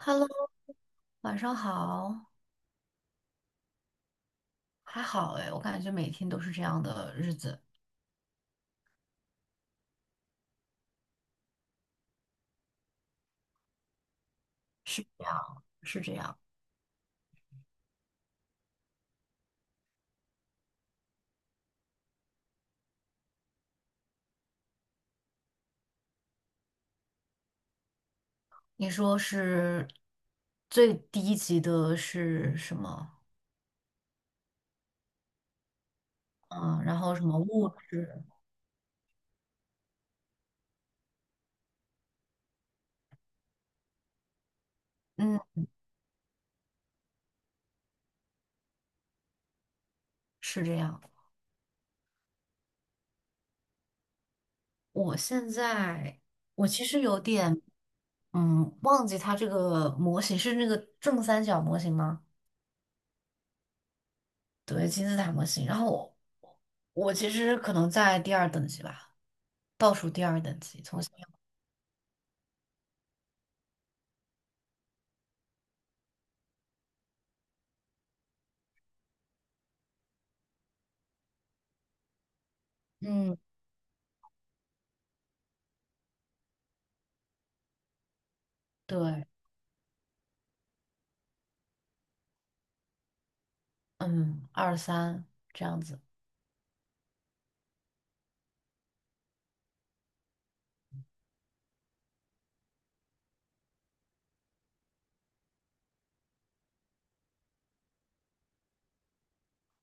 Hello，晚上好，还好哎，我感觉每天都是这样的日子，是这样，是这样。你说是最低级的是什么？嗯，然后什么物质？嗯，是这样。我现在我其实有点忘记它这个模型是那个正三角模型吗？对，金字塔模型。然后我其实可能在第二等级吧，倒数第二等级，从下嗯。对，嗯，二三这样子，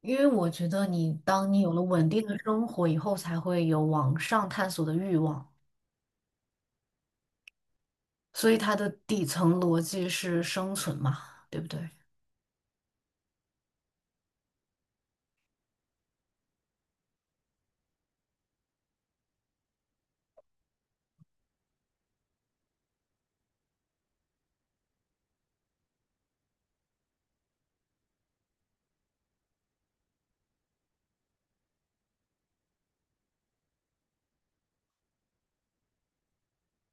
因为我觉得当你有了稳定的生活以后，才会有往上探索的欲望，所以它的底层逻辑是生存嘛，对不对？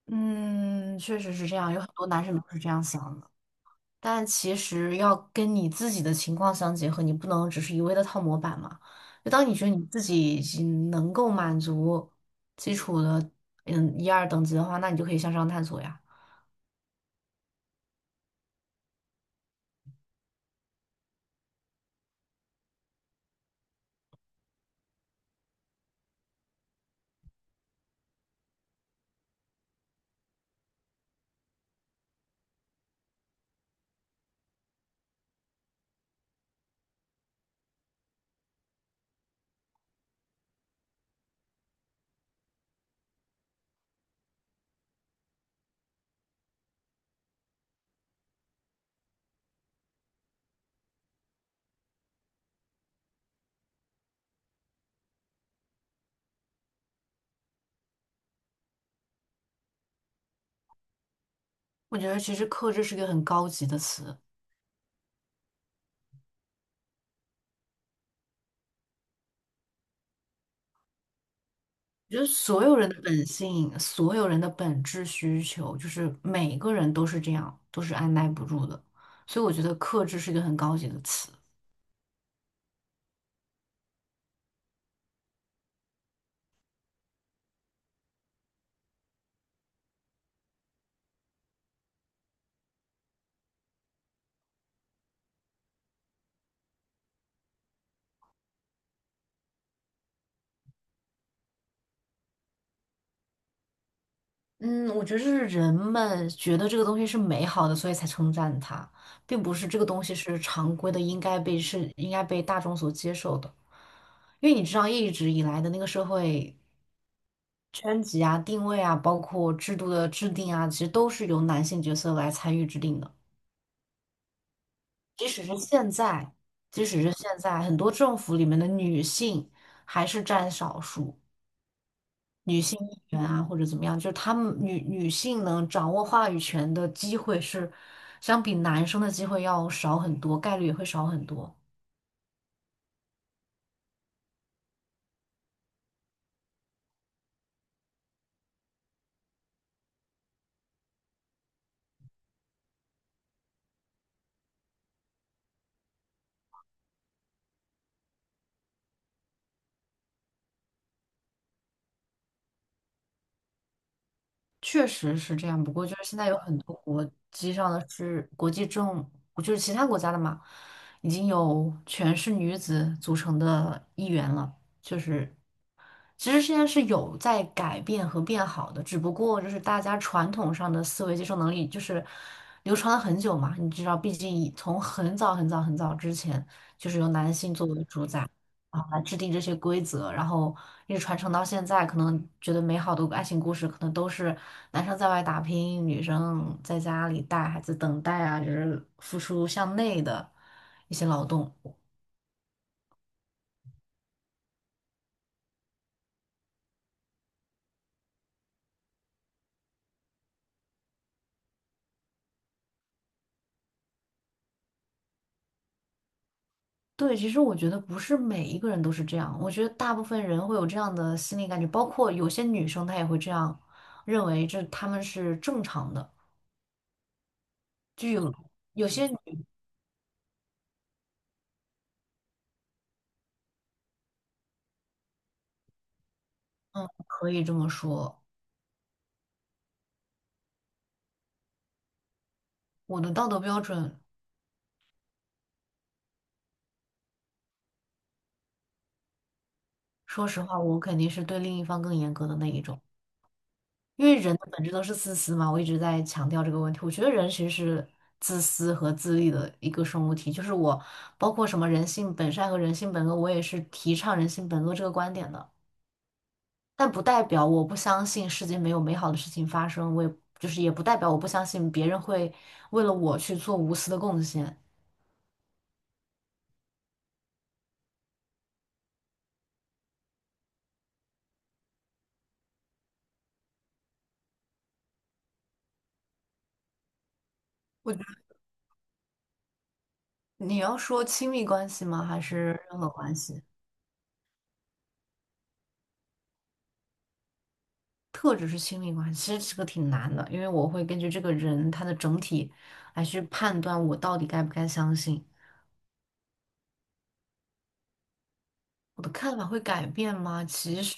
嗯，确实是这样，有很多男生都是这样想的，但其实要跟你自己的情况相结合，你不能只是一味的套模板嘛。就当你觉得你自己已经能够满足基础的一二等级的话，那你就可以向上探索呀。我觉得其实克制是一个很高级的词。我觉得所有人的本性，所有人的本质需求，就是每个人都是这样，都是按耐不住的。所以我觉得克制是一个很高级的词。嗯，我觉得是人们觉得这个东西是美好的，所以才称赞它，并不是这个东西是常规的，应该被大众所接受的。因为你知道，一直以来的那个社会圈级啊、定位啊，包括制度的制定啊，其实都是由男性角色来参与制定的。即使是现在，即使是现在，很多政府里面的女性还是占少数，女性议员啊或者怎么样，就是她们女性能掌握话语权的机会是相比男生的机会要少很多，概率也会少很多。确实是这样，不过就是现在有很多国际上的是国际政，就是其他国家的嘛，已经有全是女子组成的议员了，就是其实现在是有在改变和变好的，只不过就是大家传统上的思维接受能力就是流传了很久嘛，你知道，毕竟以从很早之前，就是由男性作为主宰啊来制定这些规则，然后一直传承到现在，可能觉得美好的爱情故事，可能都是男生在外打拼，女生在家里带孩子等待啊，就是付出向内的一些劳动。对，其实我觉得不是每一个人都是这样，我觉得大部分人会有这样的心理感觉，包括有些女生她也会这样认为，这她们是正常的。就有有些女，嗯，可以这么说，我的道德标准，说实话，我肯定是对另一方更严格的那一种，因为人的本质都是自私嘛，我一直在强调这个问题。我觉得人其实是自私和自利的一个生物体，就是我包括什么人性本善和人性本恶，我也是提倡人性本恶这个观点的。但不代表我不相信世界没有美好的事情发生，我也就是也不代表我不相信别人会为了我去做无私的贡献。我觉得你要说亲密关系吗？还是任何关系？特指是亲密关系，其实这个挺难的，因为我会根据这个人他的整体来去判断我到底该不该相信。我的看法会改变吗？其实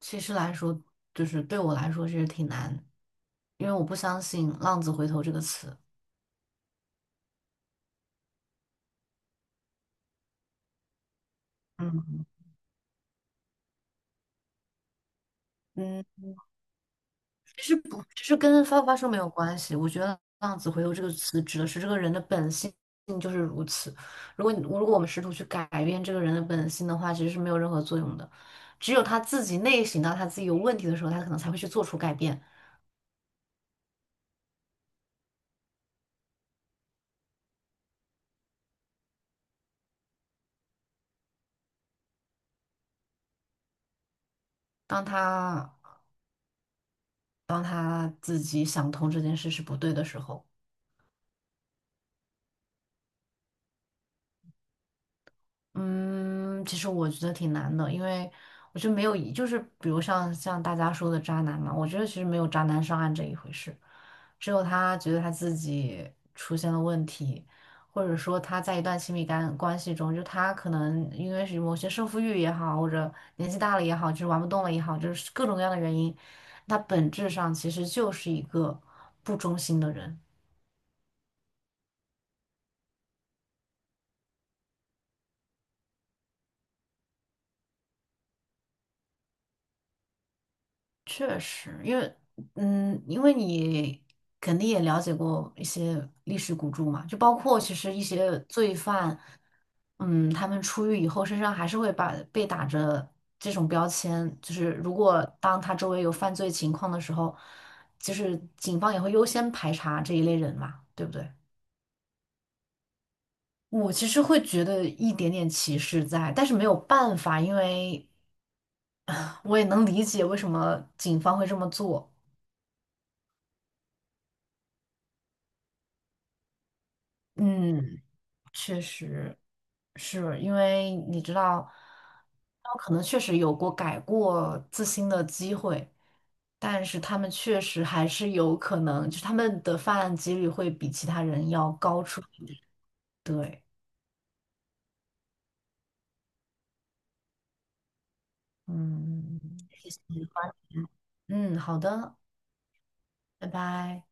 其实来说，就是对我来说其实挺难，因为我不相信“浪子回头”这个词。嗯嗯。其实跟发不发生没有关系。我觉得“浪子回头”这个词指的是这个人的本性就是如此。如果我们试图去改变这个人的本性的话，其实是没有任何作用的。只有他自己内省到他自己有问题的时候，他可能才会去做出改变。当他当他自己想通这件事是不对的时候。嗯，其实我觉得挺难的，因为我觉得没有一就是比如像大家说的渣男嘛，我觉得其实没有渣男上岸这一回事，只有他觉得他自己出现了问题，或者说他在一段亲密感关系中，就他可能因为是某些胜负欲也好，或者年纪大了也好，就是玩不动了也好，就是各种各样的原因，他本质上其实就是一个不忠心的人。确实，因为嗯，因为你肯定也了解过一些历史古著嘛，就包括其实一些罪犯，嗯，他们出狱以后身上还是会把被打着这种标签，就是如果当他周围有犯罪情况的时候，就是警方也会优先排查这一类人嘛，对不对？我其实会觉得一点点歧视在，但是没有办法，因为 啊我也能理解为什么警方会这么做，嗯。确实是因为你知道，他们可能确实有过改过自新的机会，但是他们确实还是有可能，就是他们的犯案几率会比其他人要高出一点对，嗯，谢谢你的关嗯，好的，拜拜。